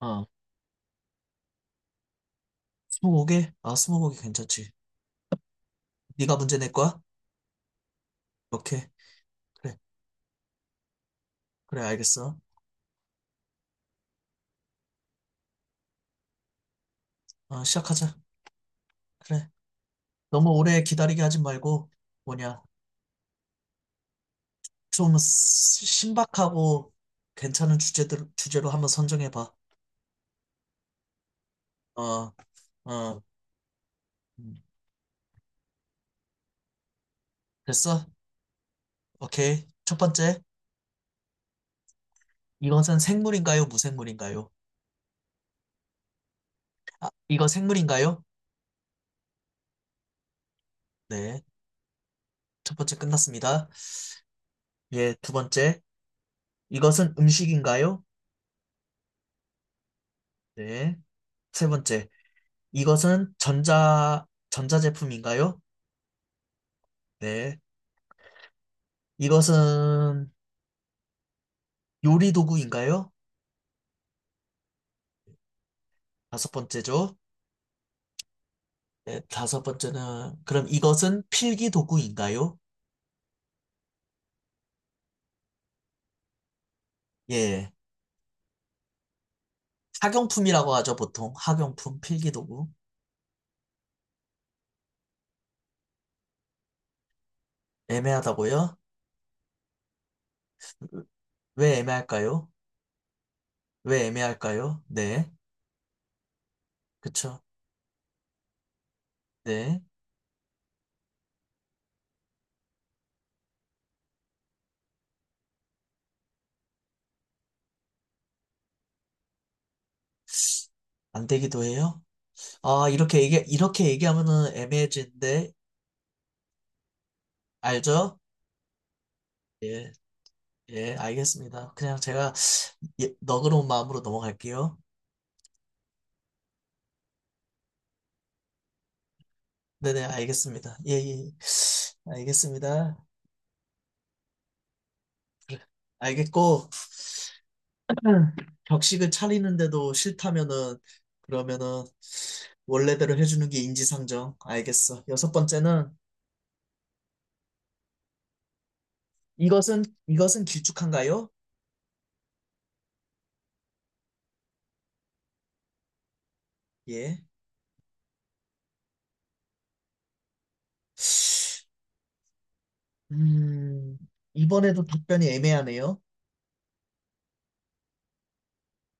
어, 스무고개? 아, 스무고개 괜찮지. 네가 문제 낼 거야? 오케이. 그래, 그래, 알겠어. 어, 시작하자. 그래. 너무 오래 기다리게 하지 말고, 뭐냐, 좀 신박하고 괜찮은 주제로 한번 선정해봐. 어, 어, 음, 됐어? 오케이. 첫 번째, 이것은 생물인가요, 무생물인가요? 이거 생물인가요? 네. 첫 번째 끝났습니다. 예, 두 번째, 이것은 음식인가요? 네. 세 번째, 이것은 전자제품인가요? 네. 이것은 요리 도구인가요? 다섯 번째죠. 네, 다섯 번째는, 그럼 이것은 필기 도구인가요? 예. 학용품이라고 하죠, 보통. 학용품, 필기 도구. 애매하다고요? 왜 애매할까요? 왜 애매할까요? 네. 그쵸. 네. 안 되기도 해요. 아, 이렇게 얘기하면은 애매해지는데, 알죠? 예. 예, 알겠습니다. 그냥 제가, 예, 너그러운 마음으로 넘어갈게요. 네네, 알겠습니다. 예, 예. 알겠습니다. 알겠고. 음. 격식을 차리는데도 싫다면은, 그러면은, 원래대로 해주는 게 인지상정. 알겠어. 여섯 번째는, 이것은 길쭉한가요? 예. 음, 이번에도 답변이 애매하네요.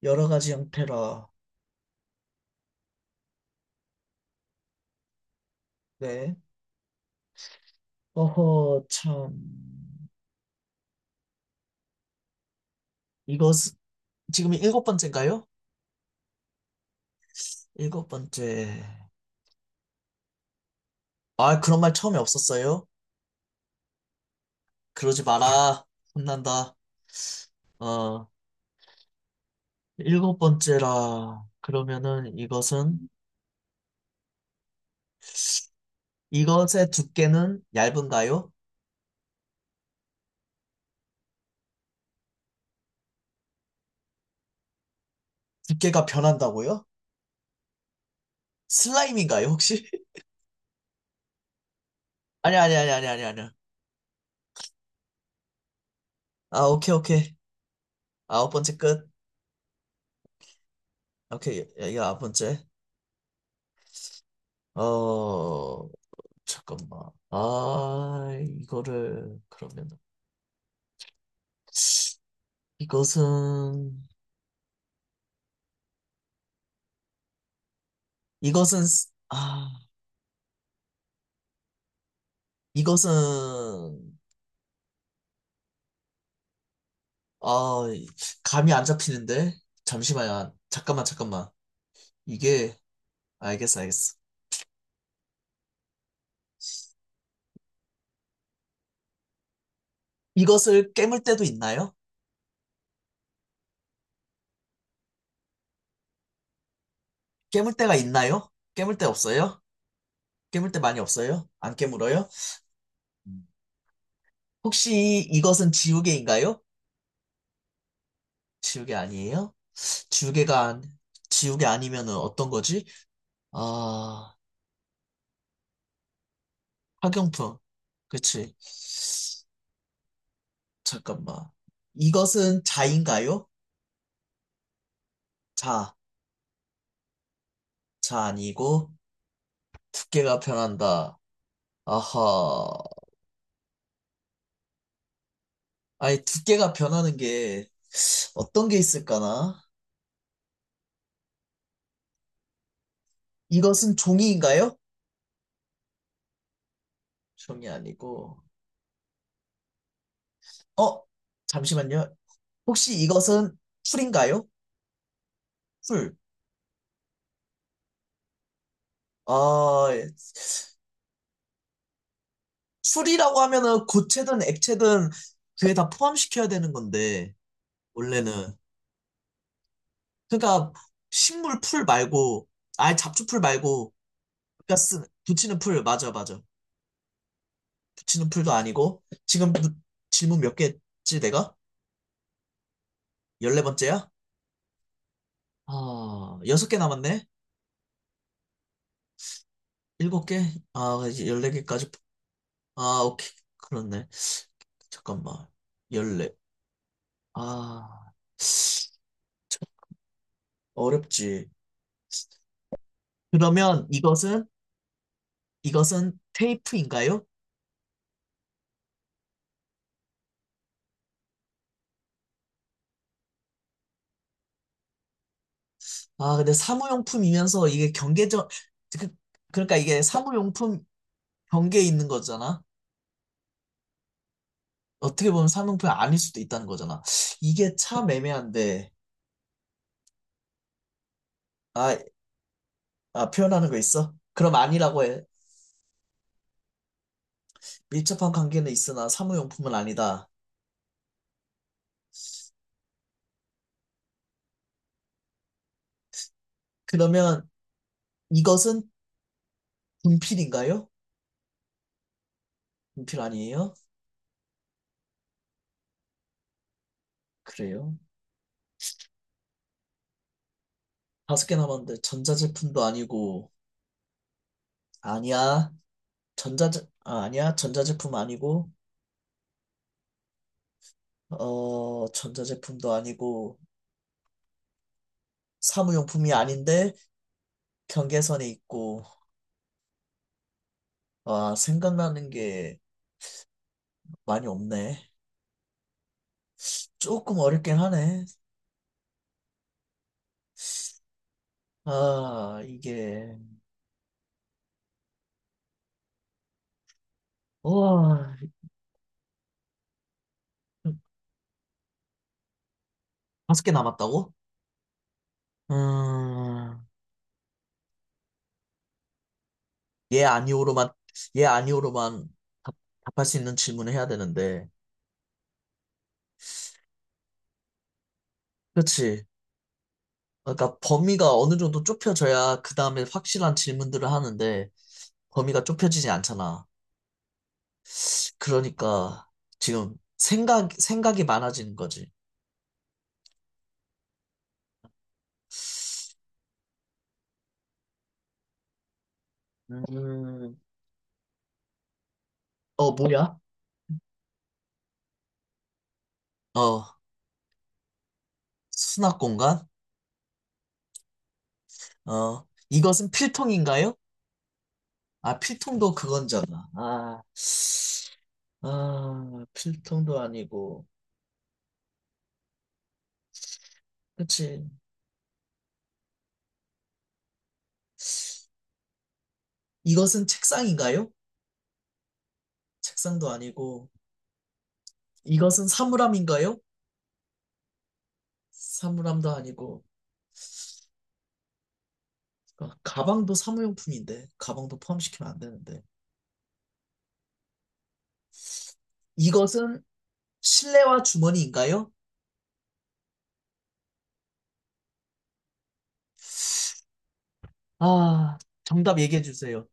여러 가지 형태라. 네. 어허, 참. 이것, 지금이 일곱 번째인가요? 일곱 번째. 아, 그런 말 처음에 없었어요? 그러지 마라. 혼난다. 어, 일곱 번째라. 그러면은 이것의 두께는 얇은가요? 두께가 변한다고요? 슬라임인가요, 혹시? 아니, 아니, 아니, 아니, 아니, 아니. 아, 오케이, 오케이. 아홉 번째 끝. 오케이, 이거 아홉 번째. 어, 잠깐만. 아, 이거를, 그러면, 이것은, 이것은, 이것은, 아 감이 안 잡히는데 잠시만요. 잠깐만, 잠깐만. 이게 알겠어, 알겠어. 이것을 깨물 때도 있나요? 깨물 때가 있나요? 깨물 때 없어요? 깨물 때 많이 없어요? 안 깨물어요? 음. 혹시 이것은 지우개인가요? 지우개 아니에요? 지우개가 안- 지우개 아니면은 어떤 거지? 아, 학용품. 그치. 잠깐만. 이것은 자인가요? 자, 자 아니고. 두께가 변한다. 아하. 아니, 두께가 변하는 게 어떤 게 있을까나? 이것은 종이인가요? 종이 아니고. 어? 잠시만요. 혹시 이것은 풀인가요? 풀. 아, 예. 풀이라고 하면은 고체든 액체든 그게 다 포함시켜야 되는 건데, 원래는. 그러니까 식물 풀 말고, 아예 잡초 풀 말고, 그러니까 붙이는 풀, 맞아, 맞아. 지눈풀도 아니고 지금 질문 몇 개지 내가? 14번째야? 아, 6개 남았네? 7개? 아, 이제 14개까지. 아, 오케이. 그렇네. 잠깐만. 14. 아, 어렵지. 그러면 이것은 테이프인가요? 아, 근데 사무용품이면서 이게 경계적, 그, 그러니까 이게 사무용품 경계에 있는 거잖아. 어떻게 보면 사무용품이 아닐 수도 있다는 거잖아. 이게 참 애매한데. 아, 아, 표현하는 거 있어? 그럼 아니라고 해. 밀접한 관계는 있으나 사무용품은 아니다. 그러면 이것은 분필인가요? 분필 아니에요? 그래요. 다섯 개 남았는데 전자제품도 아니고. 아니야. 아니야. 전자제품 아니고, 전자제품도 아니고, 사무용품이 아닌데 경계선에 있고, 생각나는 게 많이 없네. 조금 어렵긴 하네. 아 이게 와, 다섯 개 남았다고? 음, 예 아니오로만, 예 아니오로만 답, 답할 수 있는 질문을 해야 되는데. 그렇지. 그러니까 범위가 어느 정도 좁혀져야 그 다음에 확실한 질문들을 하는데, 범위가 좁혀지지 않잖아. 그러니까 지금 생각이 많아지는 거지. 음, 뭐야? 어 수납 공간. 이것은 필통인가요? 아, 필통도 그건잖아. 아, 필통도 아니고. 그치. 이것은 책상인가요? 책상도 아니고. 이것은 사물함인가요? 사물함도 아니고. 그러니까 가방도 사무용품인데, 가방도 포함시키면 안 되는데. 이것은 실내화 주머니인가요? 아, 정답 얘기해 주세요.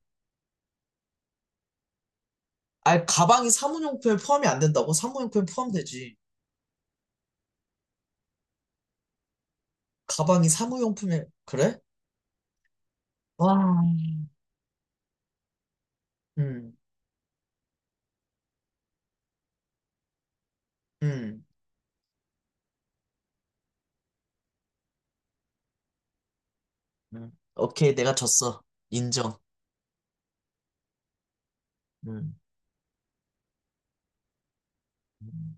아, 가방이 사무용품에 포함이 안 된다고? 사무용품에 포함되지. 가방이 사무용품에, 그래? 와. 음. 음. 음. 오케이, 내가 졌어. 인정. 음. 음.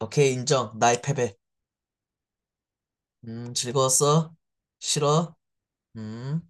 오케이, 인정. 나의 패배. 즐거웠어? 싫어? 음.